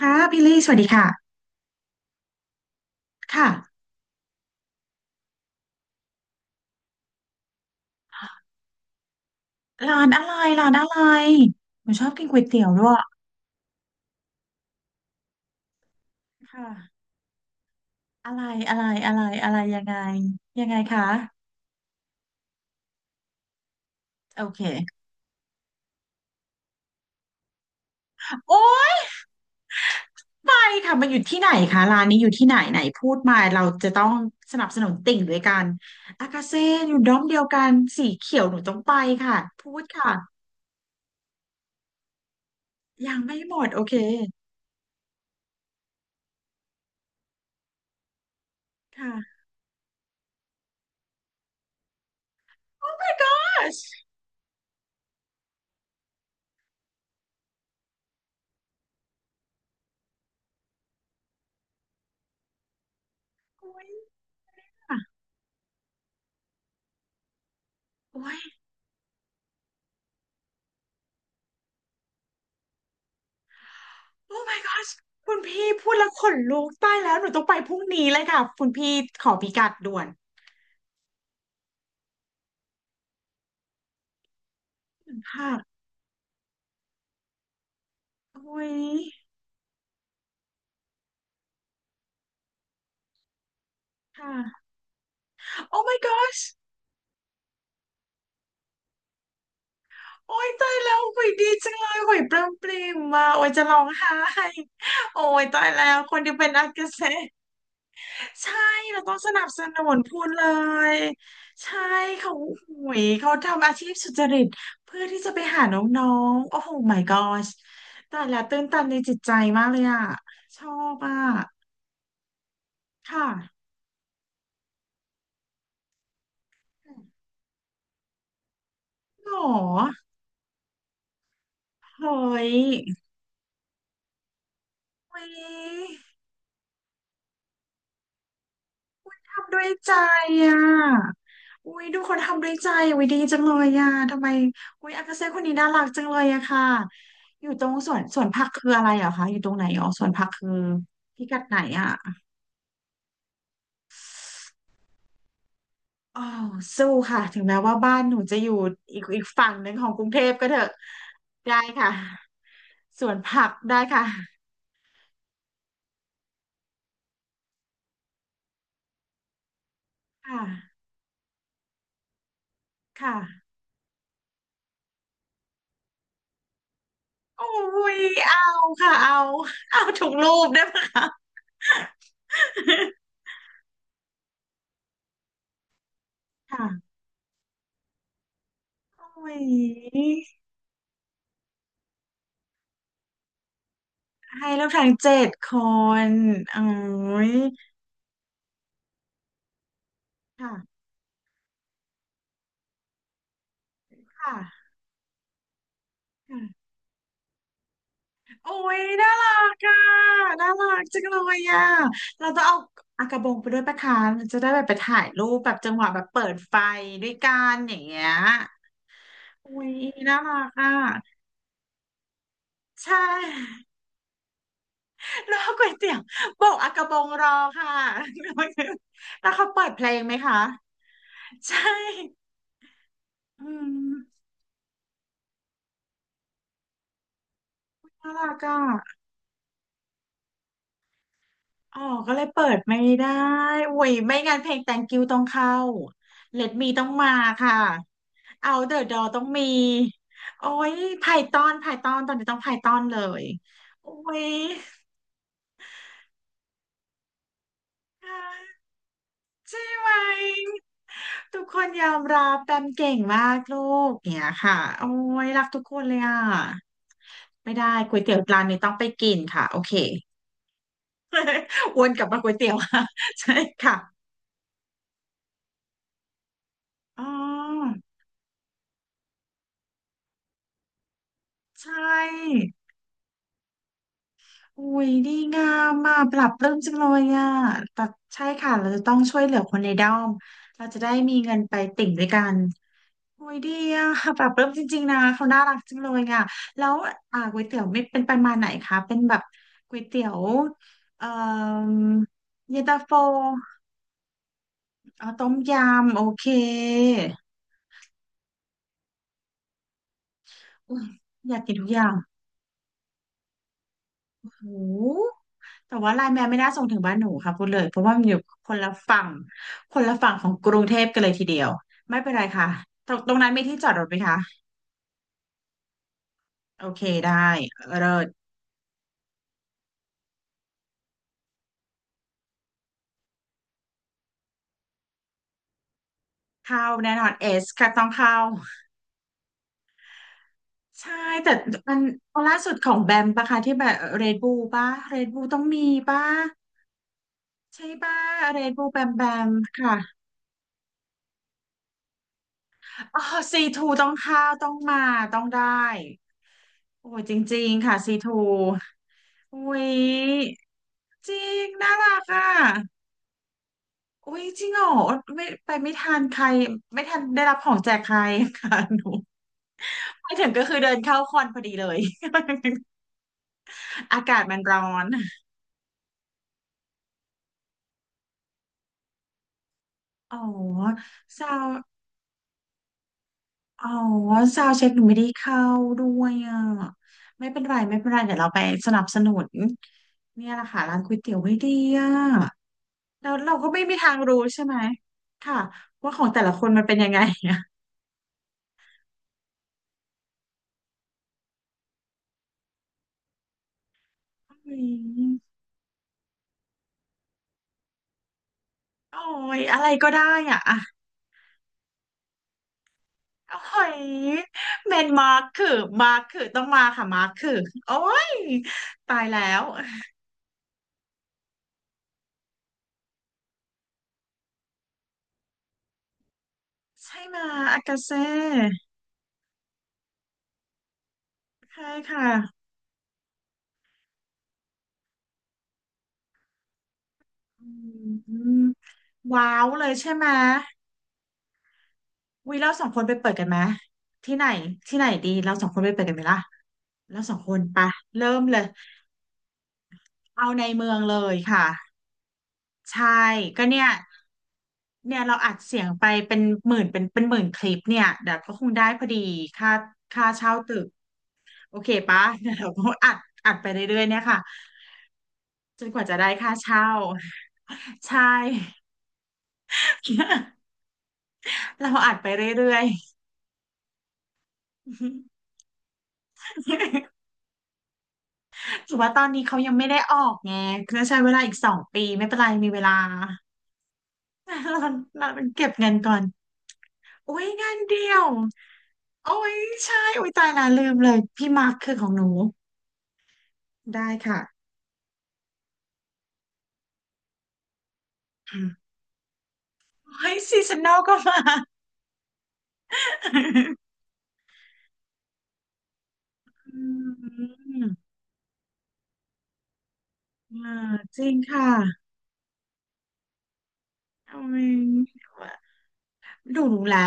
ค่ะพี่ลี่สวัสดีค่ะค่ะร้านอะไรร้านอะไรหนูชอบกินก๋วยเตี๋ยวด้วยค่ะอะไรอะไรยังไงยังไงคะโอเคโอ้ยไปค่ะมันอยู่ที่ไหนคะร้านนี้อยู่ที่ไหนไหนพูดมาเราจะต้องสนับสนุนติ่งด้วยกันอากาเซ่อยู่ด้อมเดียวกันสีเขียวหนูต้องไปค่ะพูดค่ะยังไม่หมดโอเคค่ะ Oh my gosh โอ้ยอะโอ้ย โอ้ my gosh คุณพี่พูดแล้วขนลุกตายแล้วหนูต้องไปพรุ่งนี้เลยค่ะคุณพี่ขอพิกัดด่วนค่ะโอ้ยค่ะโอ้ my gosh โอ้ยตายแล้วหุยดีจังเลยหุยปลื้มปลิ่มมาโอ้ยจะร้องไห้โอ้ยตายแล้วคนที่เป็นอากาเซ่ ใช่เราต้องสนับสนุนพูนเลยใช่เขาหุยเขาทำอาชีพสุจริตเพื่อที่จะไปหาน้องๆโอ้โห my gosh แต่ละตื้นตันในจิตใจมากเลยอ่ะชอบอ่ะค่ะหรอเฮ้ยเฮ้ย ด้วยใจอ่ะอุ้ยดูคนทำด้วยใจอะอุ้ยดีจังเลยอ่ะทำไมอุ้ยอากาเซ่คนนี้น่ารักจังเลยอะค่ะอยู่ตรงสวนสวนผักคืออะไรเหรอคะอยู่ตรงไหนอ๋อสวนผักคือพิกัดไหนอ่ะอ๋อสู้ค่ะถึงแม้ว่าบ้านหนูจะอยู่อีกฝั่งหนึ่งของกรุงเทพก็เถอะได้ค่ะสวนผักได้ค่ะค่ะค่ะโอ้ยเอาค่ะเอาเอาถูกรูปได้ปะคะค่ะโอ้ย ให้แล้วทั้งเจ็ดคนโอ้ยค่ะค่ะค่ะโอ้ยน่ารักอ่ะน่ารักจังเลยอ่ะเราจะเอาอากระบงไปด้วยปะคะมันจะได้แบบไปถ่ายรูปแบบจังหวะแบบเปิดไฟด้วยกันอย่างเงี้ยอุ้ย น่ารักอ่ะใช่รอก๋วยเตี๋ยวบอกอากระบงรอค่ะ แล้วเขาเปิดเพลงไหมคะ ใช่ อืม น่ารักอ่ะ อ๋อก็เลยเปิดไม่ได้อุ้ย ไม่งั้นเพลง Thank you ต้องเข้า Let me ต้องมาค่ะ Out the door ต้องมี โอ้ย Python Python ตอนนี้ต้อง Python เลยโอ้ยใช่ไหมทุกคนยอมรับแปมเก่งมากลูกเนี่ยค่ะ โอ้ย รักทุกคนเลยอ่ะไม่ได้ก๋วยเตี๋ยวร้านนี้ต้องไปกินค่ะ โอเค วนกลับมาก๋วยเตี๋ยว ค่ะใช่ค่ะอ๋อใช่ อุ้ยดีงามมากปรับปลื้มจังเลยอ่ะแต่ใช่ค่ะเราจะต้องช่วยเหลือคนในด้อมเราจะได้มีเงินไปติ่งด้วยกันอุ้ยดีอ่ะปรับปลื้มจริงๆนะเขาน่ารักจังเลยอ่ะแล้วอ่าก๋วยเตี๋ยวไม่เป็นประมาณไหนคะเป็นแบบก๋วยเตี๋ยวเอ่อเย็นตาโฟอ๋อต้มยำโอเคอยอยากกินทุกอย่าง โอ้แต่ว่าไลน์แมนไม่น่าส่งถึงบ้านหนูค่ะพูดเลย เพราะว่ามันอยู่คนละฝั่ง คนละฝั่งของกรุงเทพกันเลยทีเดียว ไม่เป็นไรค่ะ ตรงนั้นมีที่จอดรถไหมคะ โอเคได้เลิศเข้าแน่นอนเอสค่ะต้องเข้าใช่แต่มันล่าสุดของแบมปะคะที่แบบเรดบูปะเรดบูต้องมีปะใช่ปะเรดบูแบมแบมค่ะ อ๋อซีทูต้องเข้าต้องมาต้องได้โอ้ยจริงๆค่ะซีทูอุ้ยจริงน่ารักอ่ะอุ้ยจริงเหรอไม่ไปไม่ทันใครไม่ทันได้รับของแจกใครค่ะหนูไปถึงก็คือเดินเข้าคอนพอดีเลย อากาศมันร้อนอ๋อเศร้า อ๋อซาวเช็คหนูไม่ได้เข้าด้วยอ่ะไม่เป็นไรไม่เป็นไรเดี๋ยวเราไปสนับสนุนเนี่ยแหละค่ะร้านก๋วยเตี๋ยวไม่ดีอ่ะแล้วเราก็ไม่มีทางรู้ใช่ไหมค่ะว่าของแต่ละคนมันเป็นยังไงอ่ะอืมโอ้ยอะไรก็ได้อ่ะอ่ะโอ้ยเมนมาร์คคือมาร์คคือต้องมาค่ะมาร์คคือโอ้ยตายแล้วใช่มาอากาเซ่ใช่ค่ะอืมว้าวเลยใช่ไหม วิเราสองคนไปเปิดกันไหมที่ไหนที่ไหนดีเราสองคนไปเปิดกันไหมล่ะเราสองคนไปะเริ่มเลยเอาในเมืองเลยค่ะใช่ก็เนี่ยเนี่ยเราอัดเสียงไปเป็นหมื่นเป็นหมื่นคลิปเนี่ยเดี๋ยวก็คงได้พอดีค่าค่าเช่าตึกโอเคปะเดี๋ยวเราก็อัดไปเรื่อยๆเนี่ยค่ะจนกว่าจะได้ค่าเช่าใช่ เราอัดไปเรื่อยๆ ถือว่าตอนนี้เขายังไม่ได้ออกไงก็ใช้เวลาอีกสองปีไม่เป็นไรมีเวลา เราเราเก็บเงินก่อน โอ้ยงานเดียว โอ้ยใช่โอ้ยตายละลืมเลยพี่มาร์คคือของหนูได้ค่ะอืมโอ้ยซีซันนอลก็มา อืมอ่าจริงค่ะ โอ้ย ดูรู้แล้ว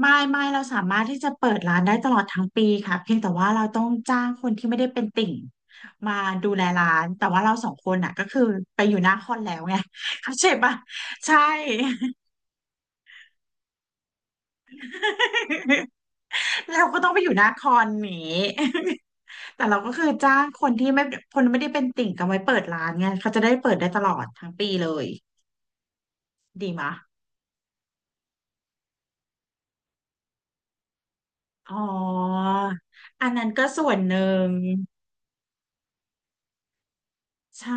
ไม่ไม่เราสามารถที่จะเปิดร้านได้ตลอดทั้งปีค่ะเพียงแต่ว่าเราต้องจ้างคนที่ไม่ได้เป็นติ่งมาดูแลร้านแต่ว่าเราสองคนน่ะก็คือไปอยู่หน้าคอนแล้วไง เข้าใจปะใช่ เราก็ต้องไปอยู่หน้าคอนนี้ แต่เราก็คือจ้างคนที่ไม่คนไม่ได้เป็นติ่งกันไว้เปิดร้านไงเขาจะได้เปิดได้ตลอดทั้งปีเลยดีมะอ๋ออันนั้นก็ส่วนหนึ่ง ใช่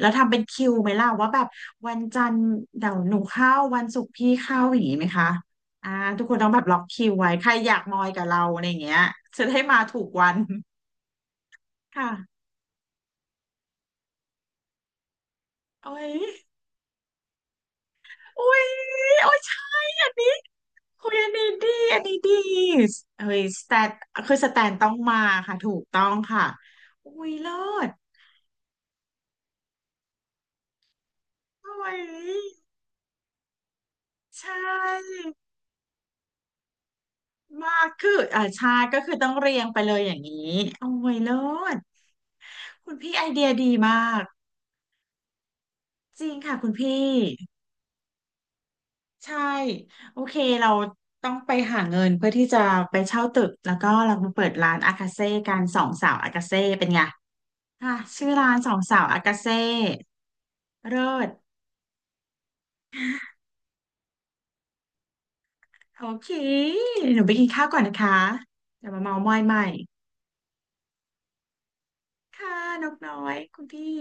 แล้วทำเป็นคิวไหมล่ะว่าแบบวันจันทร์เดี๋ยวหนูเข้าวันศุกร์พี่เข้าอย่างนี้ไหมคะอ่าทุกคนต้องแบบล็อกคิวไว้ใครอยากมอยกับเราอะไรอย่างเงี้ยจะได้มาถูกวันค่ะโอ้ยโอ้ยโอ้ยใช่อันนี้คุยอันนี้ดีอันนี้ดีเฮ้ยสแตนคือสแตนต้องมาค่ะถูกต้องค่ะอุ้ยเลิศโอ้ยใช่ มากคืออ่าใช่ก็คือต้องเรียงไปเลยอย่างนี้โอ้ยเลิศคุณพี่ไอเดียดีมากจริงค่ะคุณพี่ใช่โอเคเราต้องไปหาเงินเพื่อที่จะไปเช่าตึกแล้วก็เรามาเปิดร้านอากาเซ่กันสองสาวอากาเซ่เป็นไงอ่ะชื่อร้านสองสาวอากาเซ่เลิศโอเคหนูไปกินข้าวก่อนนะคะเดี๋ยวมาเมาท์มอยใหม่ค่ะนกน้อยคุณพี่